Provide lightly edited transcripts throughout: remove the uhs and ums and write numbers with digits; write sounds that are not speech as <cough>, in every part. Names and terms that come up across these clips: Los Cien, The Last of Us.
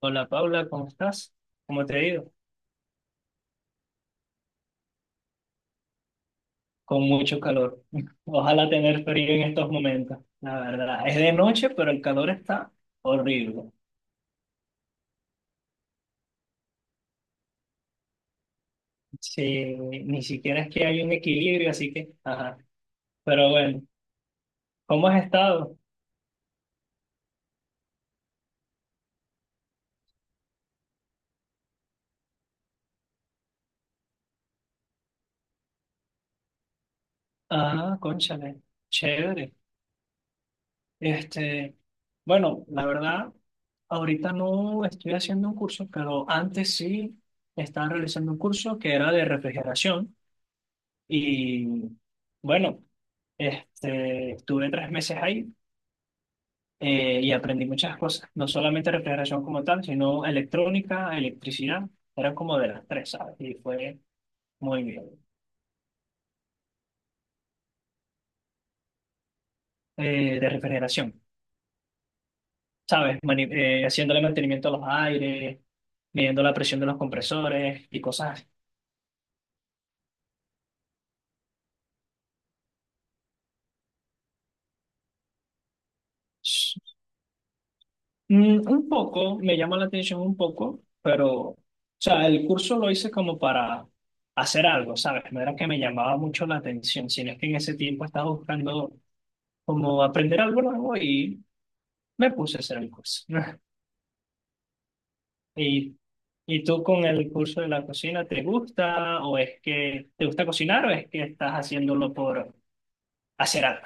Hola Paula, ¿cómo estás? ¿Cómo te ha ido? Con mucho calor. <laughs> Ojalá tener frío en estos momentos, la verdad. Es de noche, pero el calor está horrible. Sí, ni siquiera es que hay un equilibrio, así que, ajá. Pero bueno, ¿cómo has estado? Ah, cónchale, chévere. Este, bueno, la verdad, ahorita no estoy haciendo un curso, pero antes sí estaba realizando un curso que era de refrigeración y bueno. Este, estuve 3 meses ahí y aprendí muchas cosas, no solamente refrigeración como tal, sino electrónica, electricidad, eran como de las tres, ¿sabes? Y fue muy bien. De refrigeración, ¿sabes? Haciéndole mantenimiento a los aires, midiendo la presión de los compresores y cosas así. Un poco, me llama la atención un poco, pero, o sea, el curso lo hice como para hacer algo, ¿sabes? No era que me llamaba mucho la atención, sino que en ese tiempo estaba buscando como aprender algo nuevo y me puse a hacer el curso. <laughs> ¿Y, y tú con el curso de la cocina, te gusta o es que te gusta cocinar o es que estás haciéndolo por hacer algo?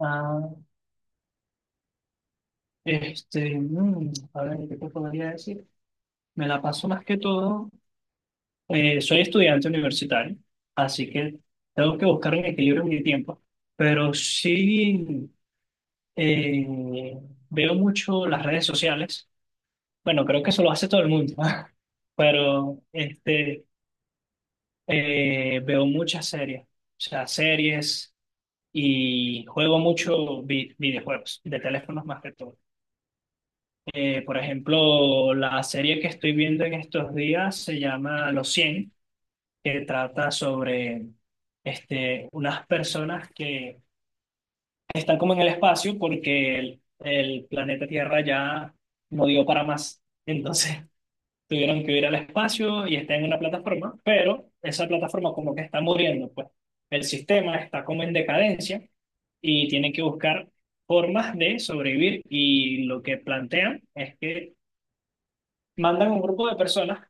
Ah, este, a ver, ¿qué te podría decir? Me la paso más que todo, soy estudiante universitario, así que tengo que buscar un equilibrio en mi tiempo, pero sí eh, veo mucho las redes sociales. Bueno, creo que eso lo hace todo el mundo, <laughs> pero este, veo muchas series, o sea, series y juego mucho videojuegos, de teléfonos más que todo. Por ejemplo, la serie que estoy viendo en estos días se llama Los Cien, que trata sobre este, unas personas que están como en el espacio porque el planeta Tierra ya no dio para más. Entonces tuvieron que ir al espacio y está en una plataforma, pero esa plataforma como que está muriendo, pues el sistema está como en decadencia y tienen que buscar formas de sobrevivir y lo que plantean es que mandan un grupo de personas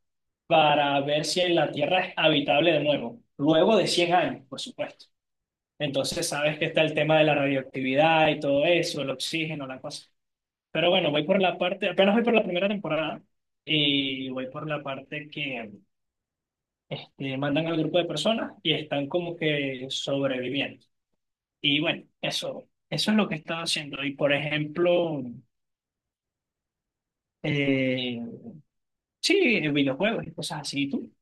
para ver si la Tierra es habitable de nuevo, luego de 100 años, por supuesto. Entonces sabes que está el tema de la radioactividad y todo eso, el oxígeno, la cosa. Pero bueno, voy por la parte, apenas voy por la primera temporada y voy por la parte que este, mandan al grupo de personas y están como que sobreviviendo. Y bueno, eso es lo que he estado haciendo. Y por ejemplo, eh, sí, videojuegos y cosas así. ¿Tú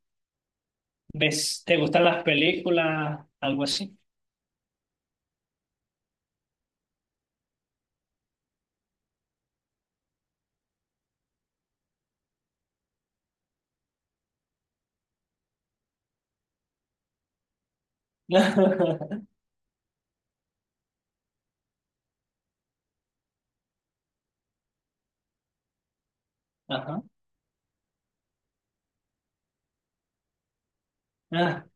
ves, te gustan las películas, algo así? <laughs> Ajá. Ah,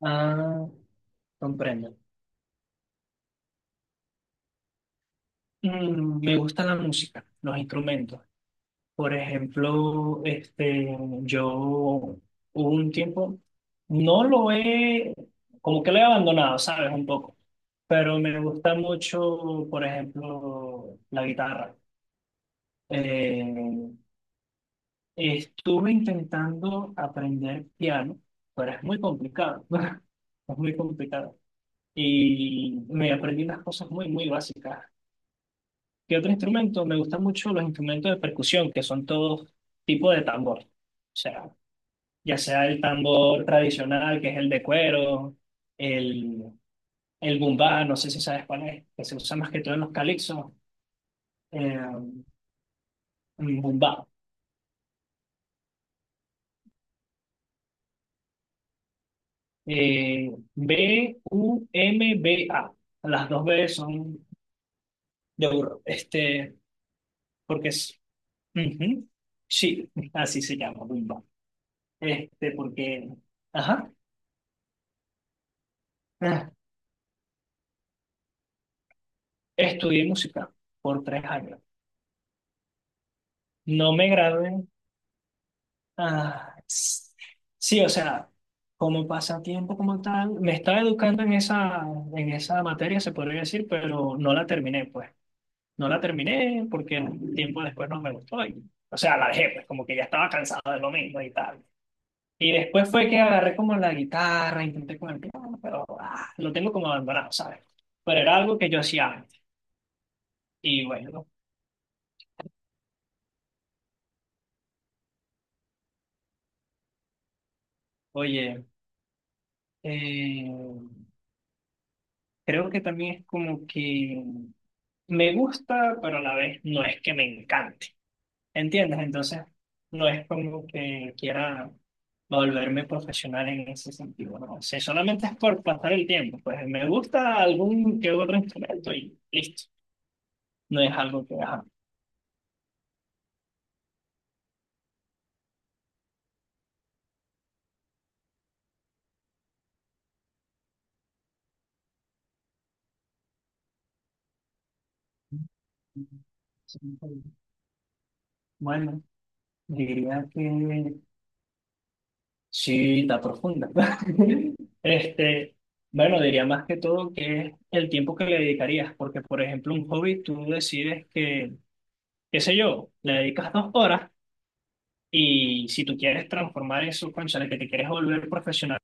ah, comprendo. Me gusta la música, los instrumentos. Por ejemplo, este, yo hubo un tiempo, no lo he, como que lo he abandonado, ¿sabes? Un poco, pero me gusta mucho, por ejemplo, la guitarra. Eh, Estuve intentando aprender piano, pero es muy complicado, <laughs> es muy complicado. Y me aprendí unas cosas muy, muy básicas. ¿Qué otro instrumento? Me gustan mucho los instrumentos de percusión, que son todos tipos de tambor. O sea, ya sea el tambor tradicional, que es el de cuero, el, el bumbá, no sé si sabes cuál es, que se usa más que todo en los calipsos, eh, un bumbá. Bumba. Las dos B son de burro, este, porque es... Ujú, sí, así se llama, bumba. Este, porque, ajá, ah, estudié música por 3 años. No me gradué, ah, sí, o sea, como pasatiempo como tal, me estaba educando en esa materia, se podría decir, pero no la terminé, pues. No la terminé porque tiempo después no me gustó. O sea, la dejé, pues, como que ya estaba cansado de lo mismo y tal. Y después fue que agarré como la guitarra, intenté con el piano, pero lo tengo como abandonado, ¿sabes? Pero era algo que yo hacía antes. Y bueno, oye, eh, creo que también es como que... Me gusta, pero a la vez no es que me encante. ¿Entiendes? Entonces, no es como que quiera volverme profesional en ese sentido, ¿no? O sea, solamente es por pasar el tiempo. Pues me gusta algún que otro instrumento y listo. No es algo que... ajá. Bueno, diría que sí, está profunda. <laughs> Este, bueno, diría más que todo que es el tiempo que le dedicarías, porque por ejemplo, un hobby tú decides que qué sé yo, le dedicas 2 horas y si tú quieres transformar eso, cónchale, que te quieres volver profesional,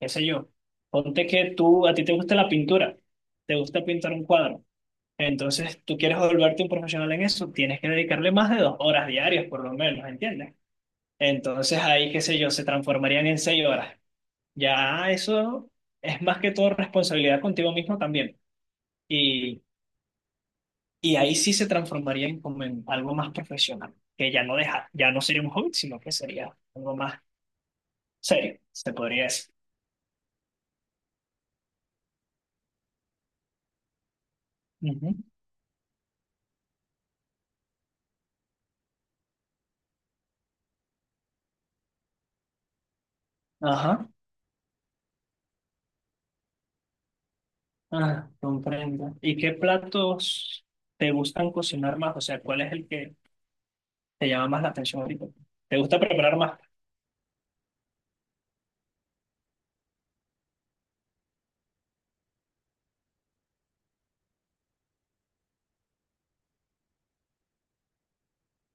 qué sé yo, ponte que tú, a ti te gusta la pintura, te gusta pintar un cuadro, entonces tú quieres volverte un profesional en eso, tienes que dedicarle más de 2 horas diarias por lo menos, ¿entiendes? Entonces ahí, qué sé yo, se transformarían en 6 horas. Ya eso es más que todo responsabilidad contigo mismo también. y Y ahí sí se transformaría en como en algo más profesional, que ya no deja, ya no sería un hobby, sino que sería algo más serio, se podría decir. Ujú. Ajá, ah, comprendo. ¿Y qué platos te gustan cocinar más? O sea, ¿cuál es el que te llama más la atención ahorita? ¿Te gusta preparar más?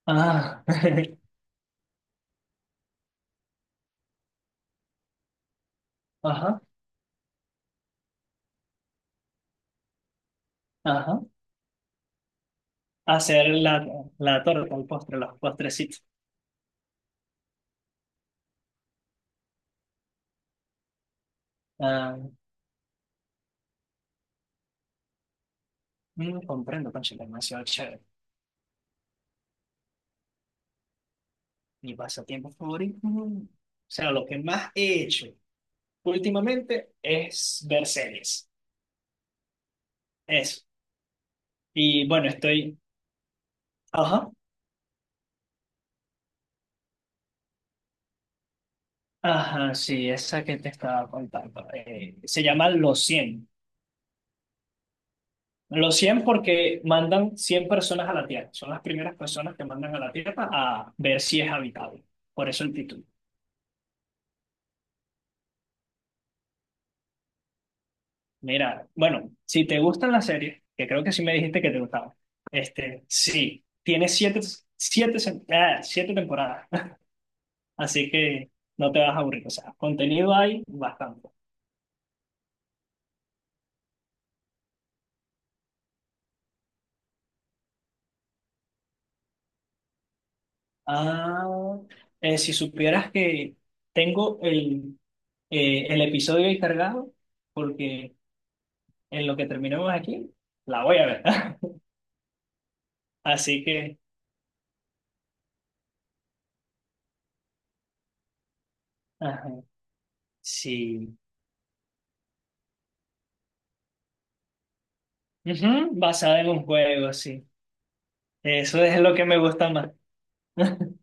Ah, <laughs> ajá, ajá. Hacer la torta, el postre, los postrecitos. Ah, comprendo, concha, demasiado chévere. Mi pasatiempo favorito. O sea, lo que más he hecho, últimamente es ver series. Eso. Y bueno, estoy... Ajá. Ajá, sí, esa que te estaba contando. Se llama Los cien porque mandan 100 personas a la Tierra. Son las primeras personas que mandan a la Tierra a ver si es habitable. Por eso el título. Mira, bueno, si te gustan las series, que creo que sí me dijiste que te gustaban, este, sí, tiene siete temporadas. <laughs> Así que no te vas a aburrir. O sea, contenido hay bastante. Ah, si supieras que tengo el episodio ahí cargado, porque en lo que terminemos aquí, la voy a ver. <laughs> Así que, ajá, sí. Ujú, basada en un juego, sí. Eso es lo que me gusta más. <laughs>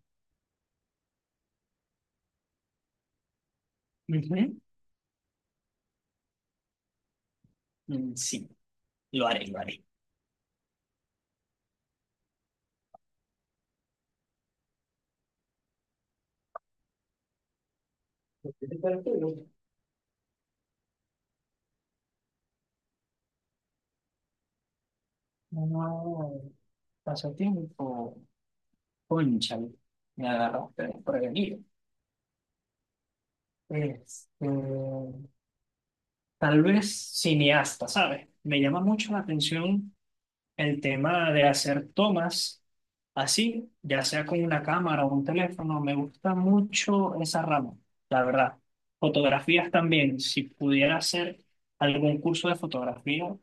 Ujú. Sí, lo haré, lo haré. No, pasatiempo. Cónchale, me agarraste desprevenido. Este, tal vez cineasta, ¿sabes? Me llama mucho la atención el tema de hacer tomas así, ya sea con una cámara o un teléfono. Me gusta mucho esa rama, la verdad. Fotografías también. Si pudiera hacer algún curso de fotografía,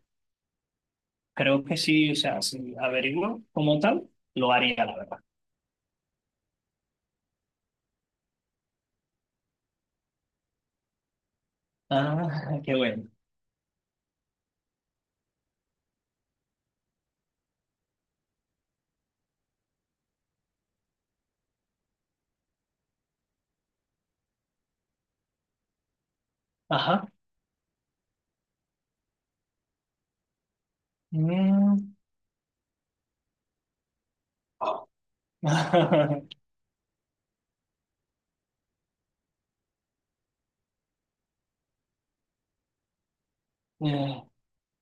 creo que sí, o sea, si averiguo como tal, lo haría, la verdad. Ah, qué bueno. Ajá. Mm. <laughs> Eh,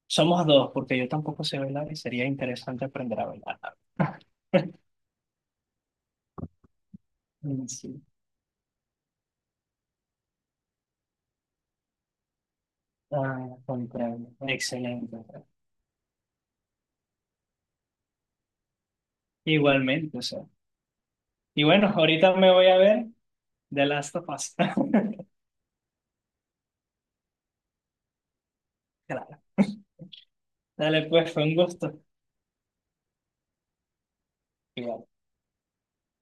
Somos dos, porque yo tampoco sé bailar y sería interesante aprender a bailar. <laughs> Sí, ah, comprendo. Excelente. Igualmente, o sea. Y bueno, ahorita me voy a ver The Last of Us. <laughs> Claro. Dale, pues, fue un gusto. Cuídate.